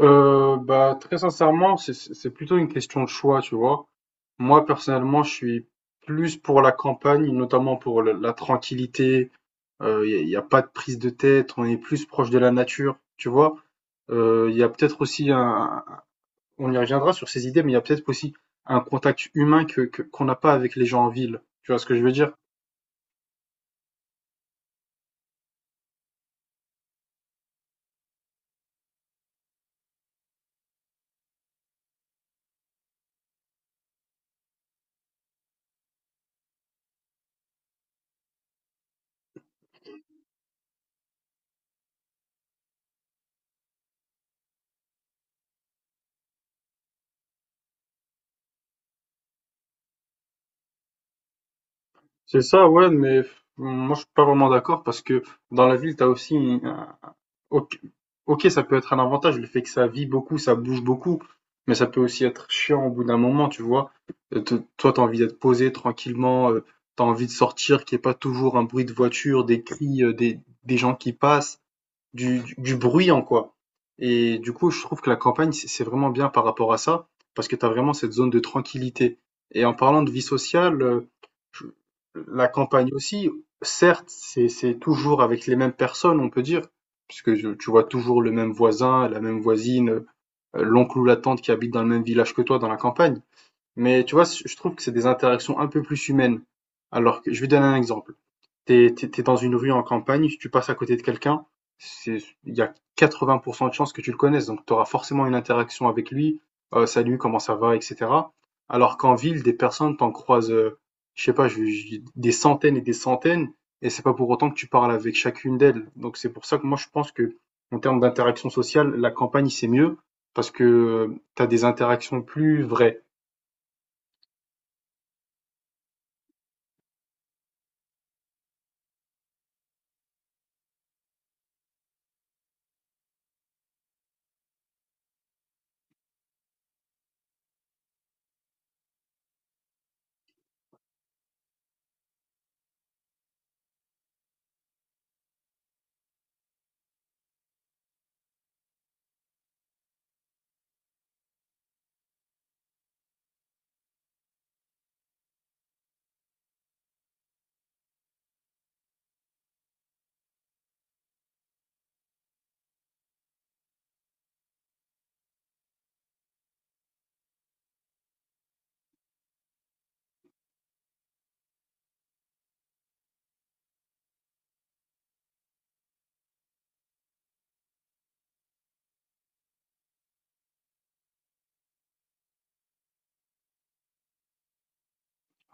Très sincèrement, c'est plutôt une question de choix, tu vois. Moi, personnellement, je suis plus pour la campagne, notamment pour la tranquillité. Y a pas de prise de tête, on est plus proche de la nature, tu vois. Il y a peut-être aussi un, on y reviendra sur ces idées, mais il y a peut-être aussi un contact humain qu'on n'a pas avec les gens en ville. Tu vois ce que je veux dire? C'est ça, ouais, mais moi, je suis pas vraiment d'accord parce que dans la ville, tu as aussi. Ok, ok, ça peut être un avantage, le fait que ça vit beaucoup, ça bouge beaucoup, mais ça peut aussi être chiant au bout d'un moment, tu vois. Toi, t'as envie d'être posé tranquillement, t'as envie de sortir, qu'il n'y ait pas toujours un bruit de voiture, des cris, des gens qui passent du bruyant, quoi. Et du coup, je trouve que la campagne, c'est vraiment bien par rapport à ça, parce que tu as vraiment cette zone de tranquillité. Et en parlant de vie sociale, je- la campagne aussi, certes, c'est toujours avec les mêmes personnes, on peut dire, puisque tu vois toujours le même voisin, la même voisine, l'oncle ou la tante qui habite dans le même village que toi dans la campagne. Mais tu vois, je trouve que c'est des interactions un peu plus humaines. Alors que je vais donner un exemple. T'es dans une rue en campagne, tu passes à côté de quelqu'un, c'est, il y a 80% de chances que tu le connaisses, donc tu auras forcément une interaction avec lui, salut, comment ça va, etc. Alors qu'en ville, des personnes t'en croisent, je sais pas, des centaines, et c'est pas pour autant que tu parles avec chacune d'elles. Donc c'est pour ça que moi je pense que, en termes d'interaction sociale, la campagne c'est mieux, parce que tu as des interactions plus vraies.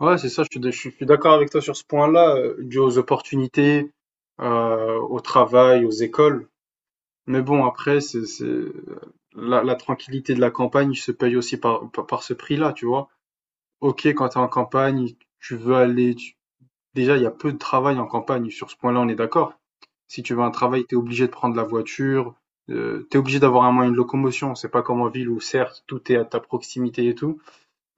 Ouais, c'est ça, je suis d'accord avec toi sur ce point-là, dû aux opportunités, au travail, aux écoles. Mais bon, après, la tranquillité de la campagne se paye aussi par, par, par ce prix-là, tu vois. Ok, quand t'es en campagne, tu veux aller... Déjà, il y a peu de travail en campagne, sur ce point-là, on est d'accord. Si tu veux un travail, t'es obligé de prendre la voiture, t'es obligé d'avoir un moyen de locomotion. C'est pas comme en ville où, certes, tout est à ta proximité et tout.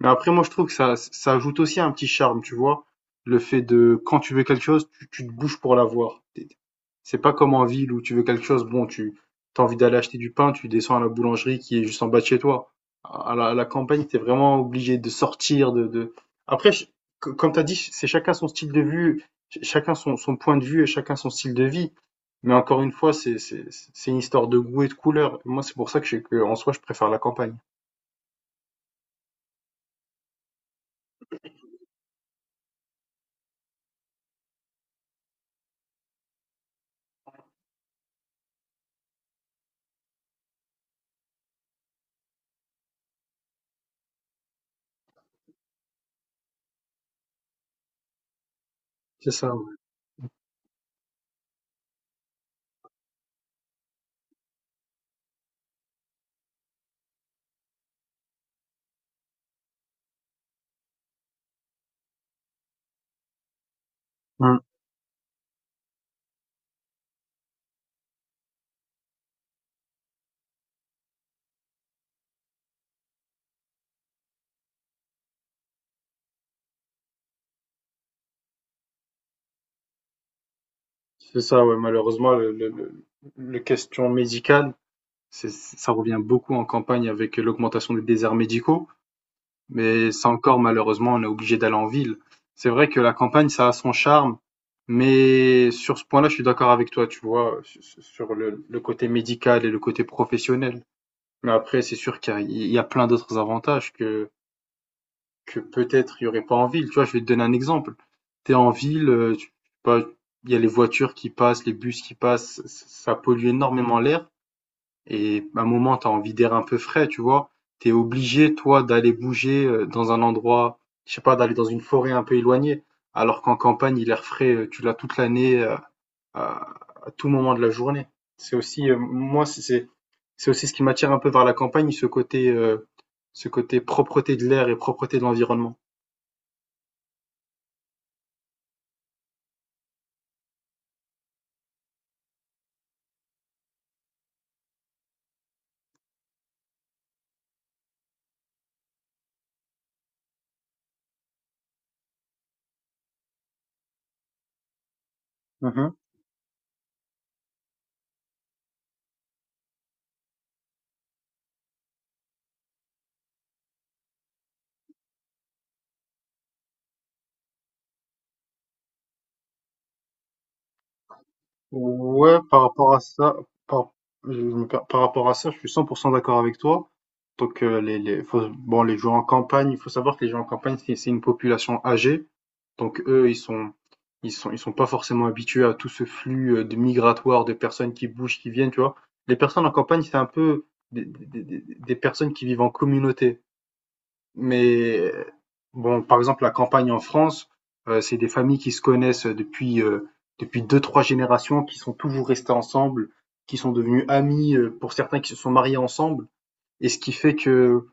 Mais après, moi, je trouve que ça ajoute aussi un petit charme, tu vois. Le fait de, quand tu veux quelque chose, tu te bouges pour l'avoir. T'es- C'est pas comme en ville où tu veux quelque chose, bon, tu as envie d'aller acheter du pain, tu descends à la boulangerie qui est juste en bas de chez toi. À la campagne, t'es vraiment obligé de sortir, de... Après, comme t'as dit, c'est chacun son style de vue, chacun son, son point de vue et chacun son style de vie. Mais encore une fois, c'est une histoire de goût et de couleur. Moi, c'est pour ça que, que en soi, je préfère la campagne. C'est ça, ouais. C'est ça, ouais, malheureusement, le question médicale, c'est, ça revient beaucoup en campagne avec l'augmentation des déserts médicaux, mais ça encore, malheureusement, on est obligé d'aller en ville. C'est vrai que la campagne, ça a son charme, mais sur ce point-là, je suis d'accord avec toi, tu vois, sur sur le côté médical et le côté professionnel. Mais après, c'est sûr qu'il y a, il y a plein d'autres avantages que peut-être il y aurait pas en ville. Tu vois, je vais te donner un exemple. Tu es en ville, je sais pas, il y a les voitures qui passent, les bus qui passent, ça pollue énormément l'air. Et à un moment, tu as envie d'air un peu frais, tu vois. Tu es obligé, toi, d'aller bouger dans un endroit, je sais pas, d'aller dans une forêt un peu éloignée. Alors qu'en campagne, l'air frais, tu l'as toute l'année, à, à tout moment de la journée. C'est aussi, moi, c'est aussi ce qui m'attire un peu vers la campagne, ce côté propreté de l'air et propreté de l'environnement. Mmh. Ouais, par rapport à ça, par par rapport à ça, je suis cent pour 100 d'accord avec toi. Donc, les faut bon, les gens en campagne, il faut savoir que les gens en campagne, c'est une population âgée. Donc eux, ils sont pas forcément habitués à tout ce flux, de migratoire, de personnes qui bougent, qui viennent, tu vois? Les personnes en campagne, c'est un peu des personnes qui vivent en communauté. Mais bon, par exemple, la campagne en France, c'est des familles qui se connaissent depuis depuis deux, trois générations, qui sont toujours restées ensemble, qui sont devenues amies, pour certains qui se sont mariés ensemble, et ce qui fait que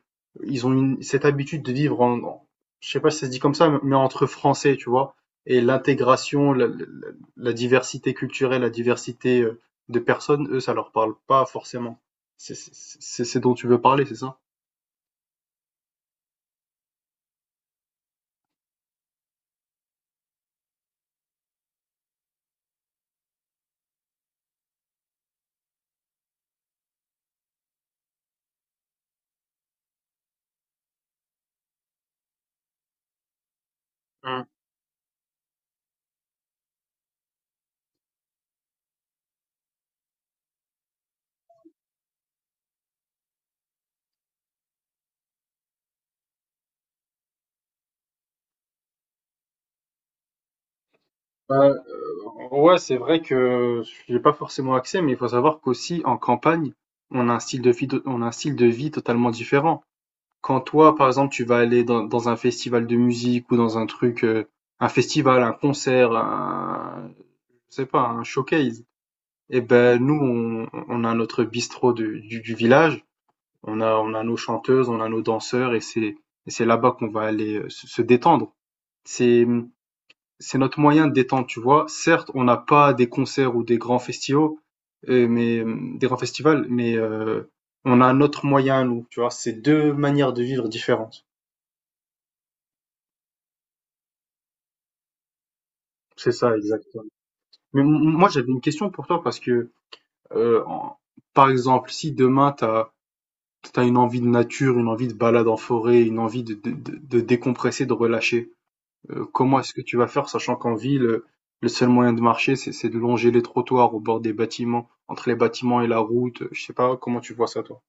ils ont une, cette habitude de vivre je sais pas si ça se dit comme ça, mais entre Français, tu vois, et l'intégration, la diversité culturelle, la diversité de personnes, eux, ça leur parle pas forcément. C'est ce dont tu veux parler, c'est ça? Hum. Ouais, c'est vrai que j'ai pas forcément accès, mais il faut savoir qu'aussi en campagne, on a un style de vie, on a un style de vie totalement différent. Quand toi, par exemple, tu vas aller dans, dans un festival de musique ou dans un truc, un festival, un concert, un, je sais pas, un showcase, eh ben nous, on a notre bistrot du village, on a nos chanteuses, on a nos danseurs, et c'est là-bas qu'on va aller se se détendre. C'est notre moyen de détente, tu vois. Certes, on n'a pas des concerts ou des grands festivals, des grands festivals, on a notre moyen, nous, tu vois. C'est deux manières de vivre différentes. C'est ça, exactement. Mais moi, j'avais une question pour toi parce que, euh, en- par exemple, si demain t'as une envie de nature, une envie de balade en forêt, une envie de décompresser, de relâcher, comment est-ce que tu vas faire, sachant qu'en ville, le seul moyen de marcher, c'est de longer les trottoirs au bord des bâtiments, entre les bâtiments et la route. Je sais pas comment tu vois ça, toi.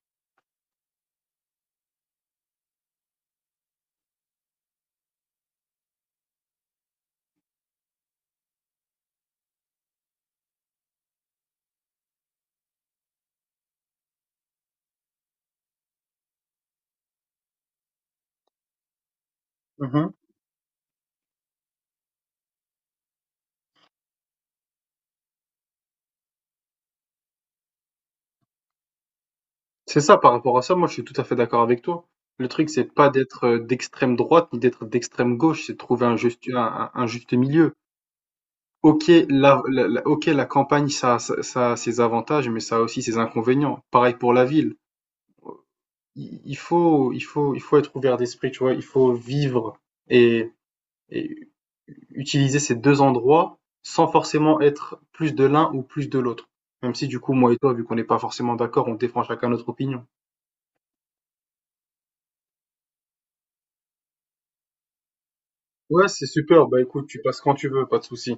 Mhm. C'est ça, par rapport à ça, moi je suis tout à fait d'accord avec toi. Le truc, c'est pas d'être d'extrême droite ni d'être d'extrême gauche, c'est de trouver un juste, un juste milieu. Ok, ok, la campagne, ça a ses avantages, mais ça a aussi ses inconvénients. Pareil pour la ville. Il faut être ouvert d'esprit, tu vois. Il faut vivre et, et utiliser ces 2 endroits sans forcément être plus de l'un ou plus de l'autre. Même si du coup, moi et toi, vu qu'on n'est pas forcément d'accord, on défend chacun notre opinion. Ouais, c'est super. Bah écoute, tu passes quand tu veux, pas de souci.